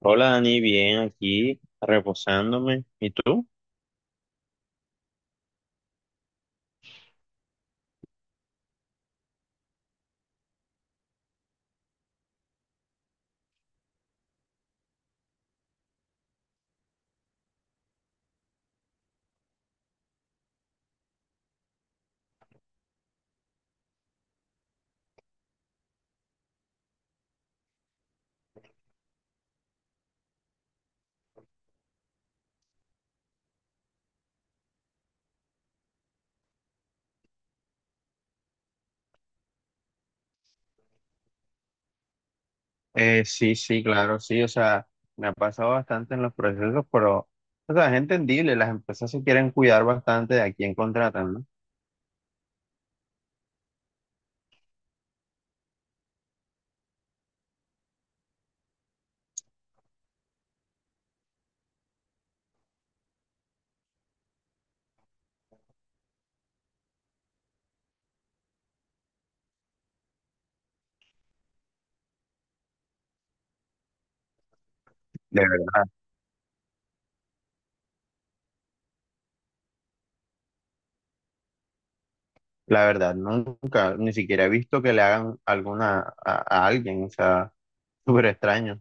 Hola Dani, bien aquí, reposándome. ¿Y tú? Sí, sí, claro, sí, o sea, me ha pasado bastante en los procesos, pero, o sea, es entendible, las empresas se quieren cuidar bastante de a quién contratan, ¿no? De verdad, la verdad, nunca, ni siquiera he visto que le hagan alguna a alguien, o sea, súper extraño.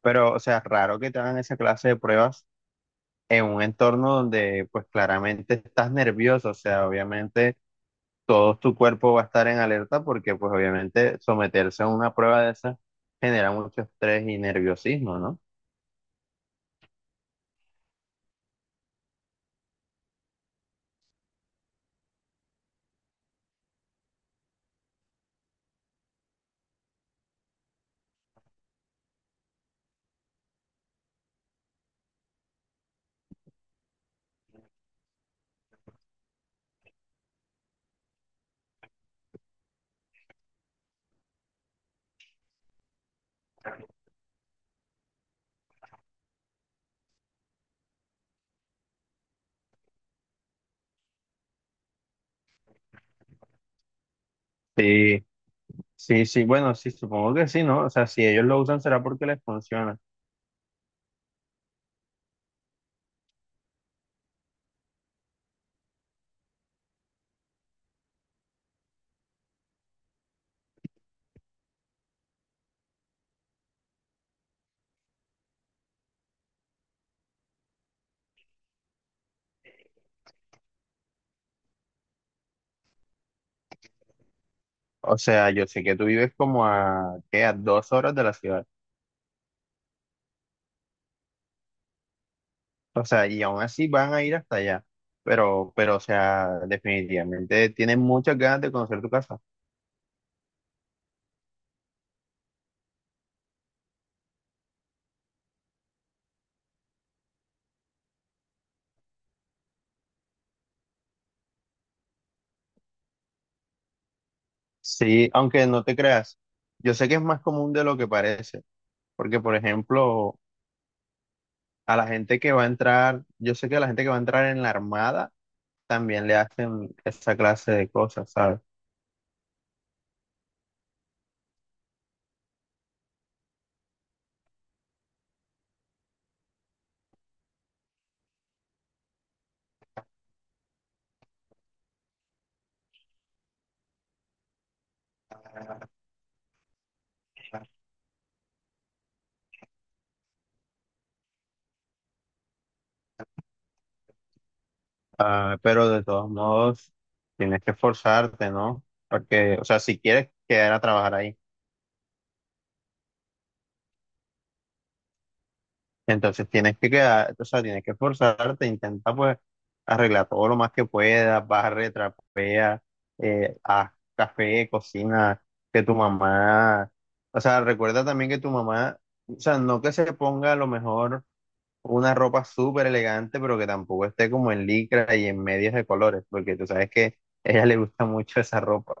Pero, o sea, raro que te hagan esa clase de pruebas en un entorno donde, pues, claramente estás nervioso, o sea, obviamente todo tu cuerpo va a estar en alerta porque pues obviamente someterse a una prueba de esa genera mucho estrés y nerviosismo, ¿no? Sí, sí, sí, bueno, sí, supongo que sí, ¿no? O sea, si ellos lo usan será porque les funciona. O sea, yo sé que tú vives como a, ¿qué? A dos horas de la ciudad. O sea, y aún así van a ir hasta allá. Pero, o sea, definitivamente tienen muchas ganas de conocer tu casa. Sí, aunque no te creas, yo sé que es más común de lo que parece. Porque, por ejemplo, a la gente que va a entrar, yo sé que a la gente que va a entrar en la armada también le hacen esa clase de cosas, ¿sabes? Ah, pero de todos modos, tienes que esforzarte, ¿no? Porque, o sea, si quieres quedar a trabajar ahí, entonces tienes que quedar, o sea, tienes que esforzarte, intenta pues arreglar todo lo más que puedas, barre, trapea, haz café, cocina, que tu mamá, o sea, recuerda también que tu mamá, o sea, no que se ponga a lo mejor una ropa súper elegante, pero que tampoco esté como en licra y en medias de colores, porque tú sabes que a ella le gusta mucho esa ropa.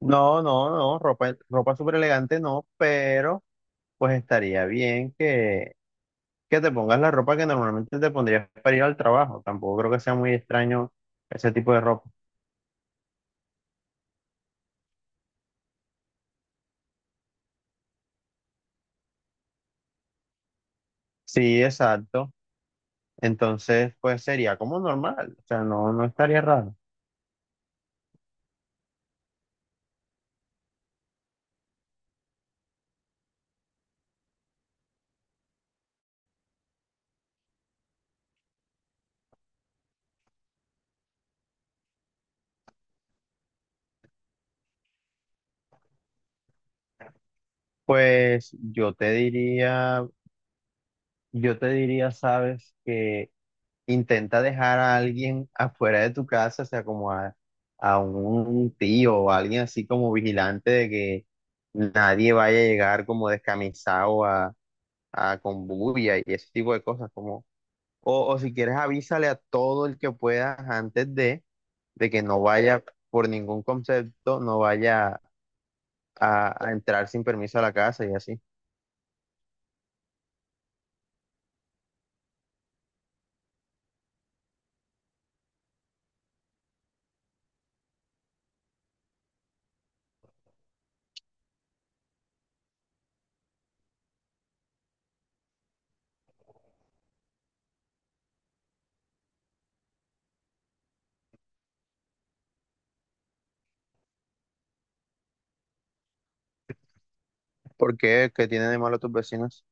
No, no, no, ropa, ropa súper elegante no, pero pues estaría bien que te pongas la ropa que normalmente te pondrías para ir al trabajo. Tampoco creo que sea muy extraño ese tipo de ropa. Sí, exacto. Entonces, pues sería como normal, o sea, no, no estaría raro. Pues yo te diría, sabes, que intenta dejar a alguien afuera de tu casa, o sea, como a un tío o alguien así como vigilante de que nadie vaya a llegar como descamisado a con bulla y ese tipo de cosas, como, o si quieres avísale a todo el que puedas antes de que no vaya por ningún concepto, no vaya a entrar sin permiso a la casa y así. ¿Por qué? ¿Qué tienen de malo tus vecinos?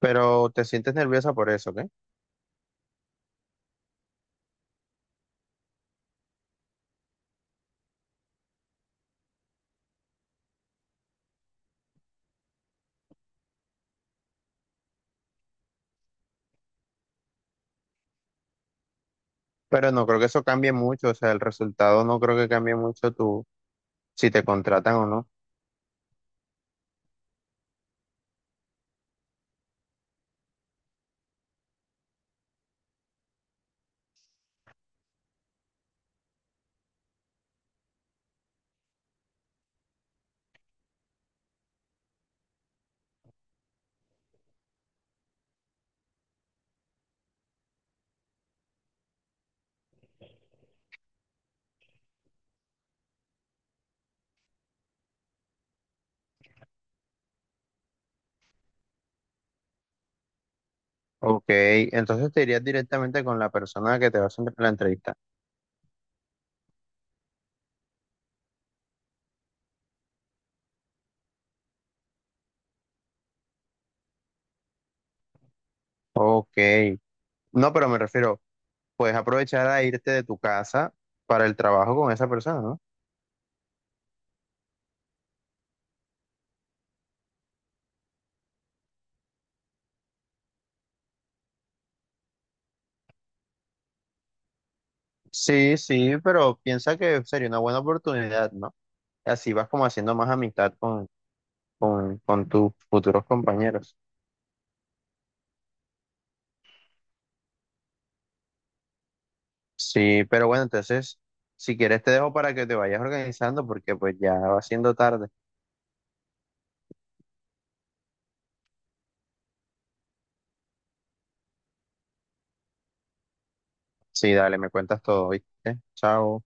Pero te sientes nerviosa por eso, ¿ok? Pero no creo que eso cambie mucho, o sea, el resultado no creo que cambie mucho tú si te contratan o no. Ok, entonces te irías directamente con la persona que te va a hacer la entrevista. Ok, no, pero me refiero, puedes aprovechar a irte de tu casa para el trabajo con esa persona, ¿no? Sí, sí, pero piensa que sería una buena oportunidad, ¿no? Así vas como haciendo más amistad con tus futuros compañeros. Sí, pero bueno, entonces, si quieres te dejo para que te vayas organizando porque pues ya va siendo tarde. Sí, dale, me cuentas todo, ¿viste? Chao.